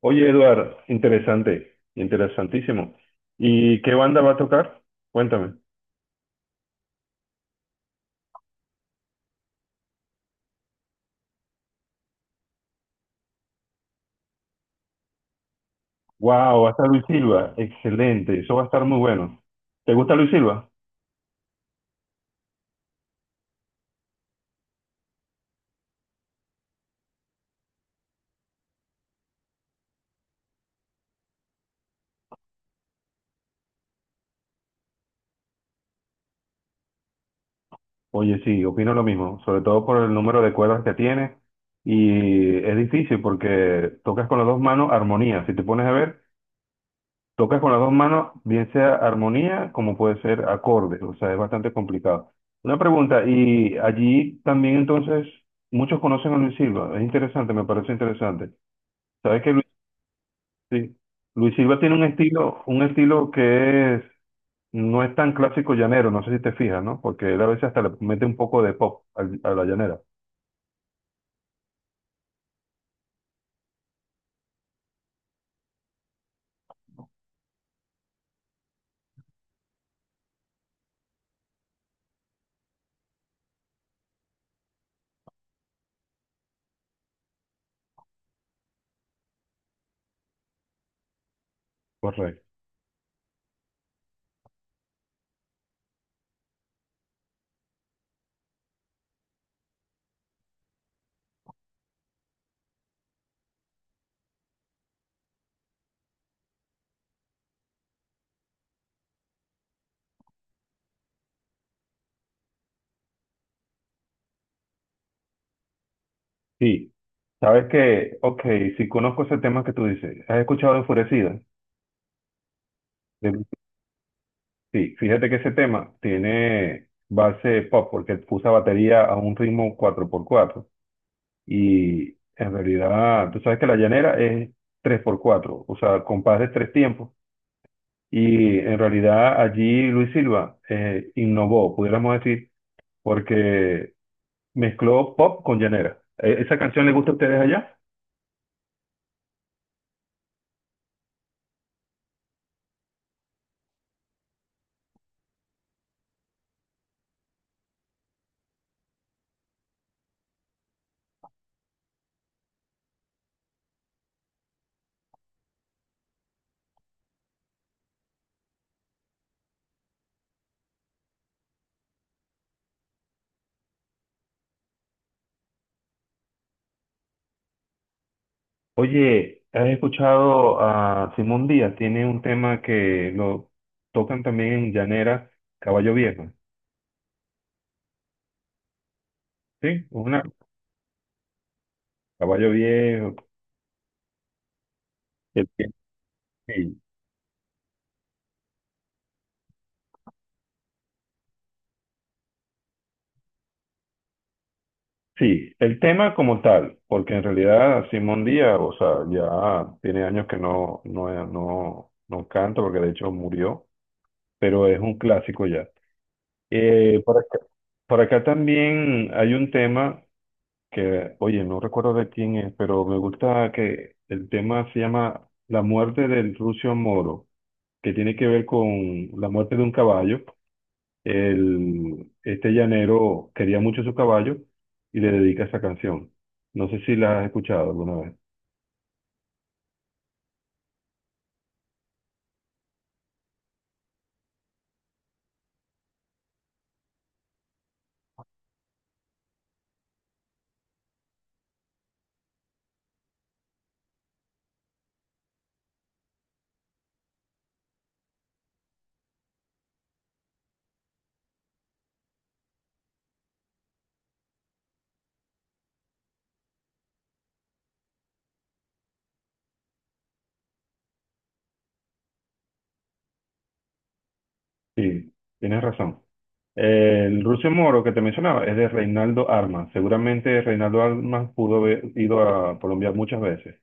Oye, Eduard, interesante, interesantísimo. ¿Y qué banda va a tocar? Cuéntame. Wow, va a estar Luis Silva, excelente, eso va a estar muy bueno. ¿Te gusta Luis Silva? Oye, sí, opino lo mismo, sobre todo por el número de cuerdas que tiene y es difícil porque tocas con las dos manos armonía, si te pones a ver, tocas con las dos manos, bien sea armonía como puede ser acordes, o sea, es bastante complicado. Una pregunta, y allí también entonces muchos conocen a Luis Silva, es interesante, me parece interesante. ¿Sabes que Luis, sí, Luis Silva tiene un estilo que es, no es tan clásico llanero, no sé si te fijas, ¿no? Porque él a veces hasta le mete un poco de pop a la llanera. Correcto. Sí. ¿Sabes que Ok, si conozco ese tema que tú dices. ¿Has escuchado Enfurecida? Sí, fíjate que ese tema tiene base pop porque usa batería a un ritmo cuatro por cuatro y en realidad tú sabes que la llanera es tres por cuatro, o sea, compás de tres tiempos y en realidad allí Luis Silva innovó, pudiéramos decir, porque mezcló pop con llanera. ¿Esa canción les gusta a ustedes allá? Oye, ¿has escuchado a Simón Díaz? Tiene un tema que lo tocan también en llanera, Caballo Viejo. Sí, una caballo viejo. el que- sí, sí, el tema como tal, porque en realidad Simón Díaz, o sea, ya tiene años que no canta, porque de hecho murió, pero es un clásico ya. Eh, por acá, por acá también hay un tema que, oye, no recuerdo de quién es, pero me gusta que el tema se llama La muerte del Rucio Moro, que tiene que ver con la muerte de un caballo. El, este llanero quería mucho su caballo y le dedica esa canción. No sé si la has escuchado alguna vez. Sí, tienes razón. El Rucio Moro que te mencionaba es de Reinaldo Armas. Seguramente Reinaldo Armas pudo haber ido a Colombia muchas veces.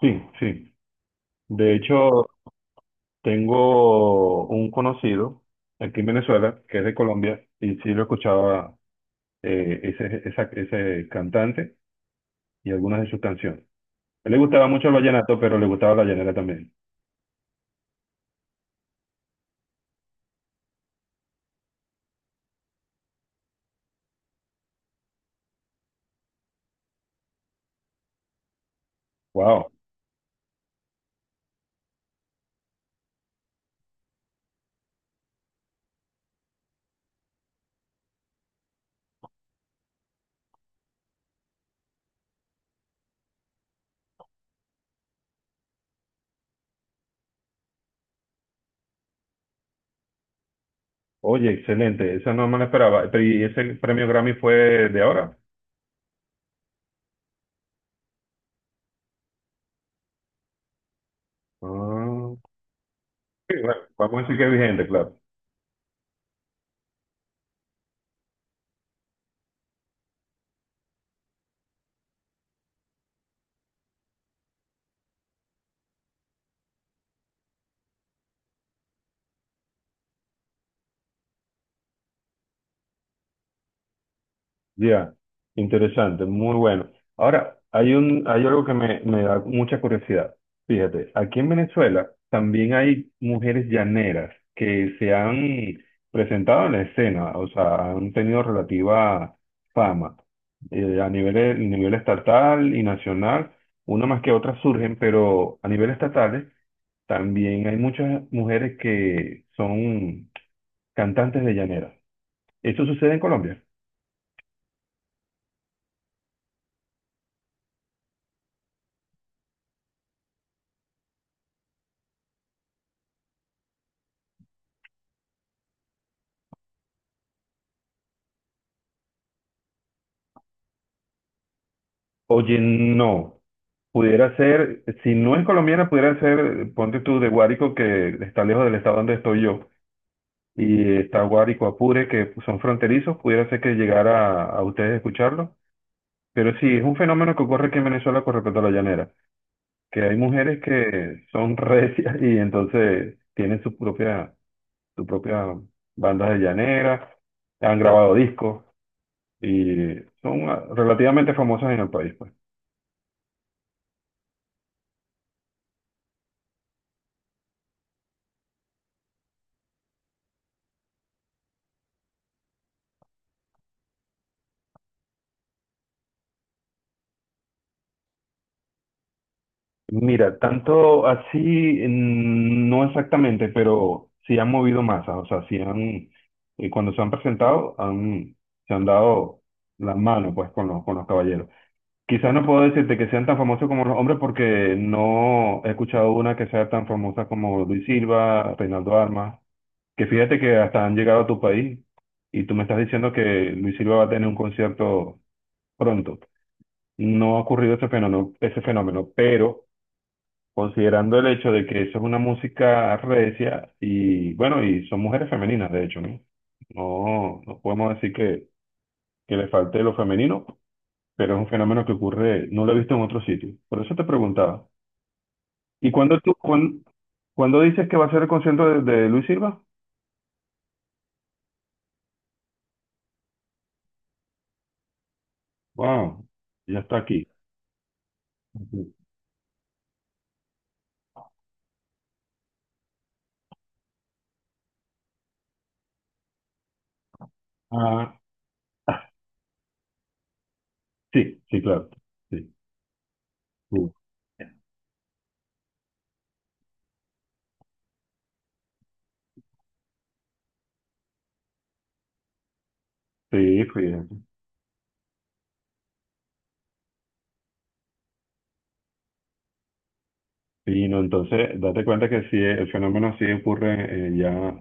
Sí, sí. De hecho, tengo un conocido aquí en Venezuela que es de Colombia y sí lo escuchaba ese cantante y algunas de sus canciones. A él le gustaba mucho el vallenato, pero le gustaba la llanera también. Wow. Oye, excelente. Esa no me la esperaba. Pero, ¿y ese premio Grammy fue de ahora? Ah, sí, bueno, vamos a decir que es vigente, claro. Ya, interesante, muy bueno. Ahora, hay algo que me da mucha curiosidad. Fíjate, aquí en Venezuela también hay mujeres llaneras que se han presentado en la escena, o sea, han tenido relativa fama a nivel estatal y nacional, una más que otra surgen, pero a nivel estatal también hay muchas mujeres que son cantantes de llaneras. ¿Eso sucede en Colombia? Oye, no. Pudiera ser, si no es colombiana, pudiera ser, ponte tú, de Guárico, que está lejos del estado donde estoy yo, y está Guárico, Apure, que son fronterizos, pudiera ser que llegara a ustedes escucharlo. Pero sí, es un fenómeno que ocurre aquí en Venezuela con respecto a la llanera, que hay mujeres que son recias y entonces tienen su propia bandas de llanera, han grabado discos y son ah, relativamente famosas en el país, pues. Mira, tanto así, mm, no exactamente, pero sí han movido masas, o sea, sí han, cuando se han presentado, han, se han dado la mano, pues, con los caballeros. Quizás no puedo decirte que sean tan famosos como los hombres porque no he escuchado una que sea tan famosa como Luis Silva, Reinaldo Armas, que fíjate que hasta han llegado a tu país y tú me estás diciendo que Luis Silva va a tener un concierto pronto. No ha ocurrido ese fenómeno, pero considerando el hecho de que eso es una música recia y bueno, y son mujeres femeninas, de hecho, ¿no? No, no podemos decir que le falte lo femenino, pero es un fenómeno que ocurre, no lo he visto en otro sitio. Por eso te preguntaba. ¿Y cuándo tú, cuán- ¿Cuándo dices que va a ser el concierto de Luis Silva? Wow, ya está aquí. Ujú. Ah, sí, sí, claro. Sí, sí, sí, fíjate. Sí, no, entonces, date cuenta que sí, el fenómeno sí ocurre ya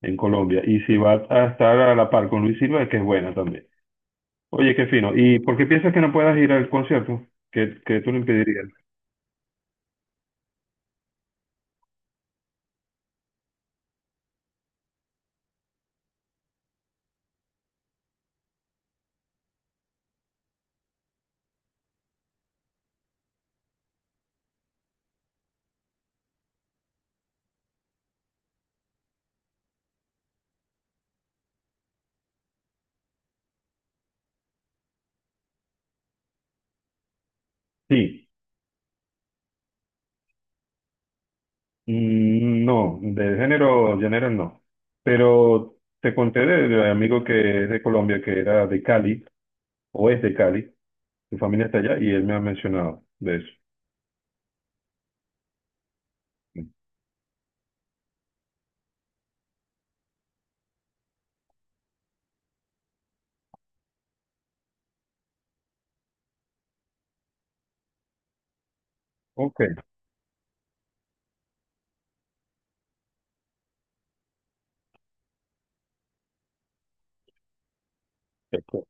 en Colombia. Y si vas a estar a la par con Luis Silva, es que es buena también. Oye, qué fino. ¿Y por qué piensas que no puedas ir al concierto? ¿Qué, qué tú lo impedirías? Sí, mm, no, de género general no. Pero te conté del amigo que es de Colombia, que era de Cali, o es de Cali, su familia está allá, y él me ha mencionado de eso. Ok, ex-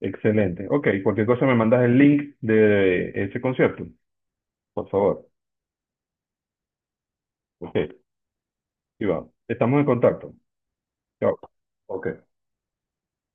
excelente. Ok, cualquier cosa me mandas el link de ese concierto, por favor. Ok, y vamos. Estamos en contacto. Chao. Ok.